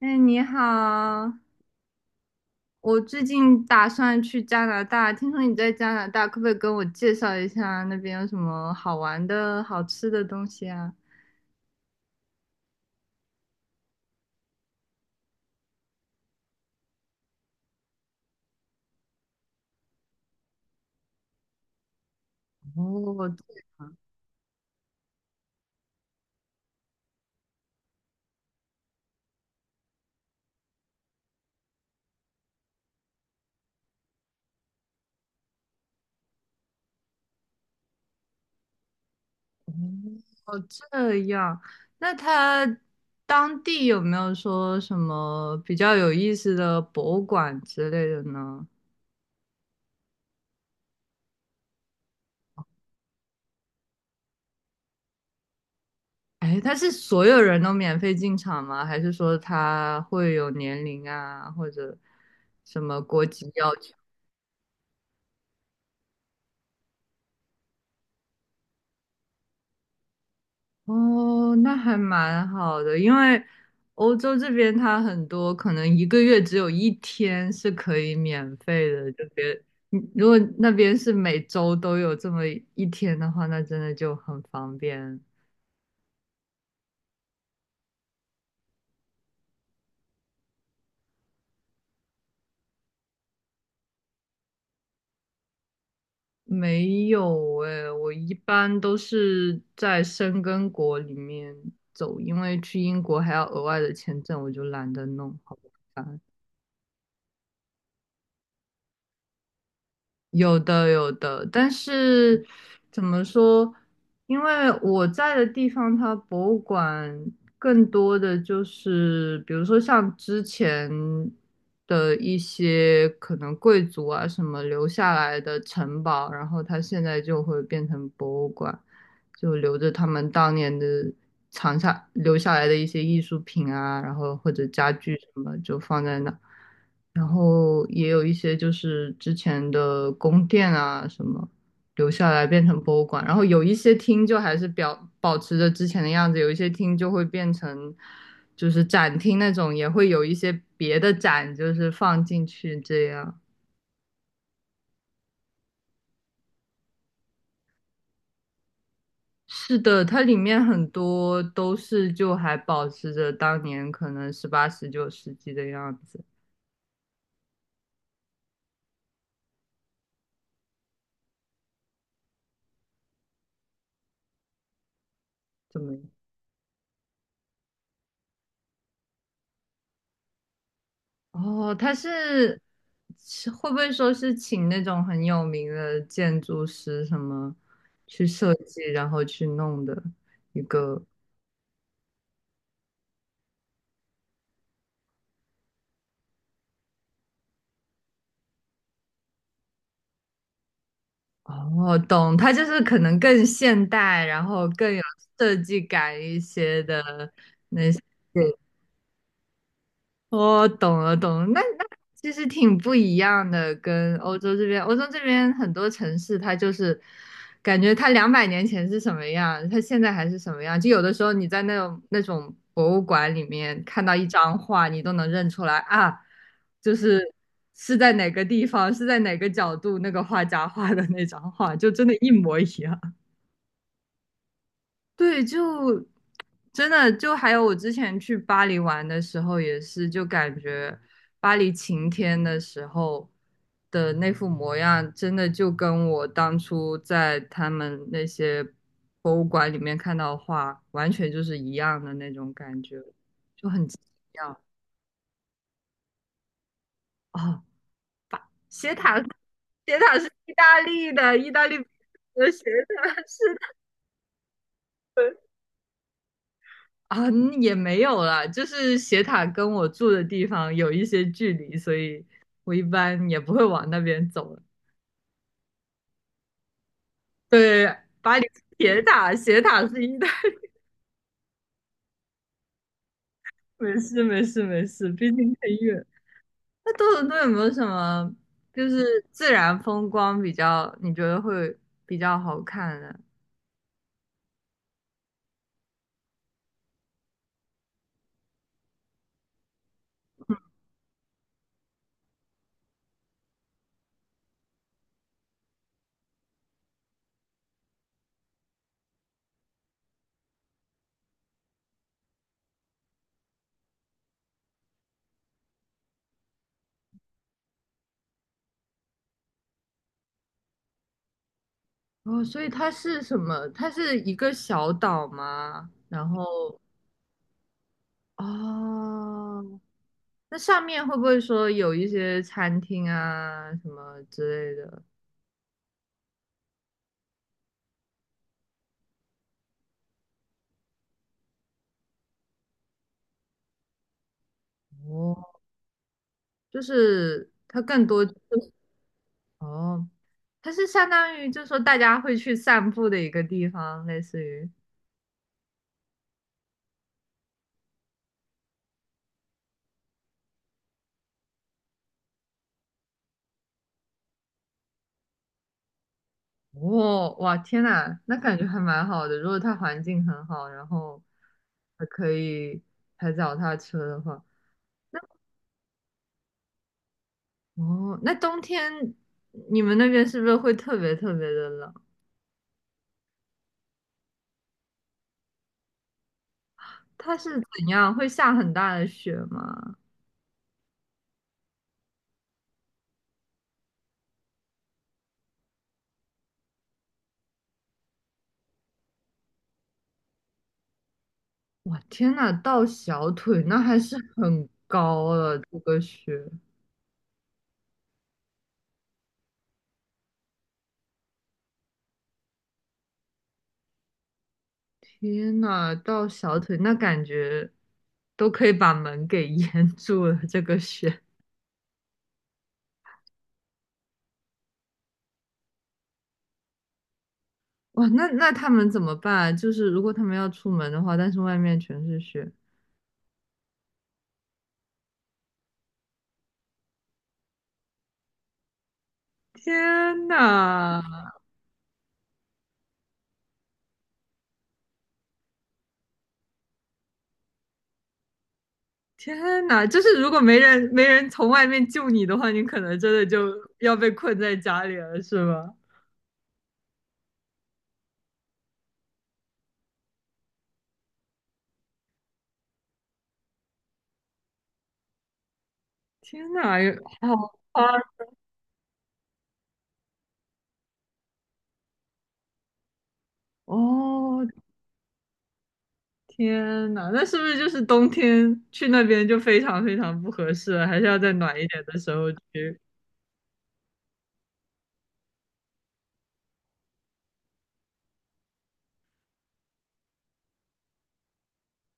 哎，你好，我最近打算去加拿大，听说你在加拿大，可不可以跟我介绍一下那边有什么好玩的、好吃的东西啊？哦，这样，那当地有没有说什么比较有意思的博物馆之类的呢？哎，他是所有人都免费进场吗？还是说他会有年龄啊，或者什么国籍要求？哦，那还蛮好的，因为欧洲这边它很多可能一个月只有一天是可以免费的，就别，嗯如果那边是每周都有这么一天的话，那真的就很方便。没有诶，我一般都是在申根国里面走，因为去英国还要额外的签证，我就懒得弄，好麻烦。有的有的，但是怎么说？因为我在的地方，它博物馆更多的就是，比如说像之前的一些可能贵族啊什么留下来的城堡，然后它现在就会变成博物馆，就留着他们当年的藏下留下来的一些艺术品啊，然后或者家具什么就放在那，然后也有一些就是之前的宫殿啊什么留下来变成博物馆，然后有一些厅就还是保持着之前的样子，有一些厅就会变成就是展厅那种，也会有一些别的展就是放进去这样。是的，它里面很多都是就还保持着当年可能18、19世纪的样子，这么样哦，他是会不会说是请那种很有名的建筑师什么去设计，然后去弄的一个？哦，懂，他就是可能更现代，然后更有设计感一些的那些。我懂了，懂了，那其实挺不一样的，跟欧洲这边，欧洲这边很多城市，它就是感觉它200年前是什么样，它现在还是什么样。就有的时候你在那种博物馆里面看到一张画，你都能认出来啊，就是在哪个地方，是在哪个角度那个画家画的那张画，就真的一模一样。对，就真的就还有我之前去巴黎玩的时候，也是就感觉巴黎晴天的时候的那副模样，真的就跟我当初在他们那些博物馆里面看到的画，完全就是一样的那种感觉，就很奇妙哦。斜塔，斜塔是意大利的，意大利的斜塔，是啊，也没有啦，就是斜塔跟我住的地方有一些距离，所以我一般也不会往那边走了。对，巴黎是铁塔，斜塔是一代，没事没事没事，毕竟很远。那多伦多有没有什么就是自然风光比较你觉得会比较好看的？哦，所以它是什么？它是一个小岛吗？然后哦，那上面会不会说有一些餐厅啊什么之类的？哦，就是它更多就是哦，它是相当于就是说大家会去散步的一个地方，类似于哦，哇，天呐，那感觉还蛮好的。如果它环境很好，然后还可以踩脚踏车的话，哦，那冬天你们那边是不是会特别特别的冷？它是怎样？会下很大的雪吗？哇，天呐，到小腿那还是很高了，这个雪，天呐，到小腿那感觉都可以把门给 淹住了，这个雪，哇，那那他们怎么办啊就是如果他们要出门的话，但是外面全是雪，天呐，天呐，就是如果没人从外面救你的话，你可能真的就要被困在家里了，是吧？天呐，好夸哦，天呐，那是不是就是冬天去那边就非常非常不合适了？还是要在暖一点的时候去？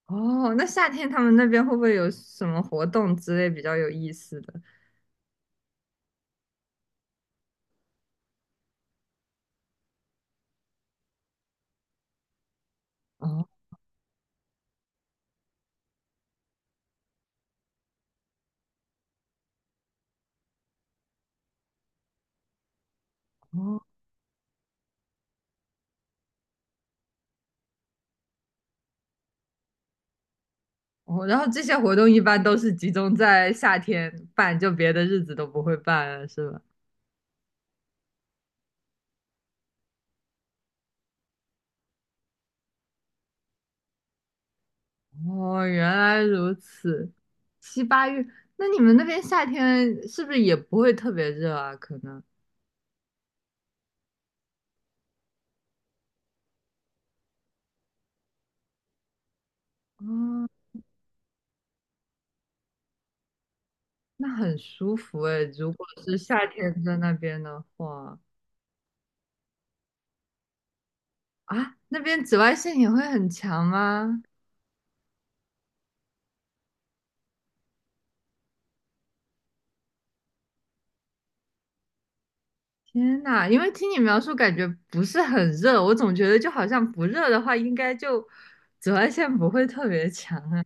哦，那夏天他们那边会不会有什么活动之类比较有意思的？哦哦哦，然后这些活动一般都是集中在夏天办，就别的日子都不会办了，是吧？哦，原来如此。七八月，那你们那边夏天是不是也不会特别热啊？可能。哦，那很舒服哎。如果是夏天在那边的话，啊，那边紫外线也会很强吗？天呐，因为听你描述感觉不是很热，我总觉得就好像不热的话，应该就紫外线不会特别强啊。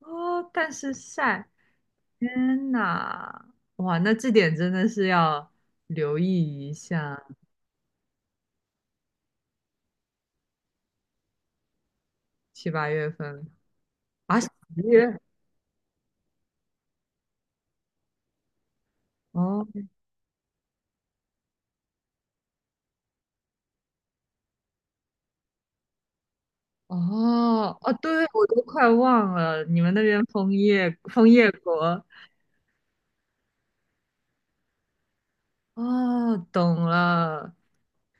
哦，但是晒，天呐，哇，那这点真的是要留意一下，7、8月份啊，10月哦。哦哦，对，我都快忘了，你们那边枫叶国。哦，懂了，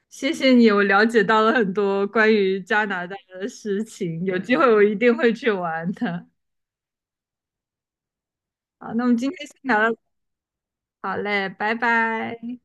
谢谢你，我了解到了很多关于加拿大的事情，有机会我一定会去玩的。好，那我们今天先聊到，好嘞，拜拜。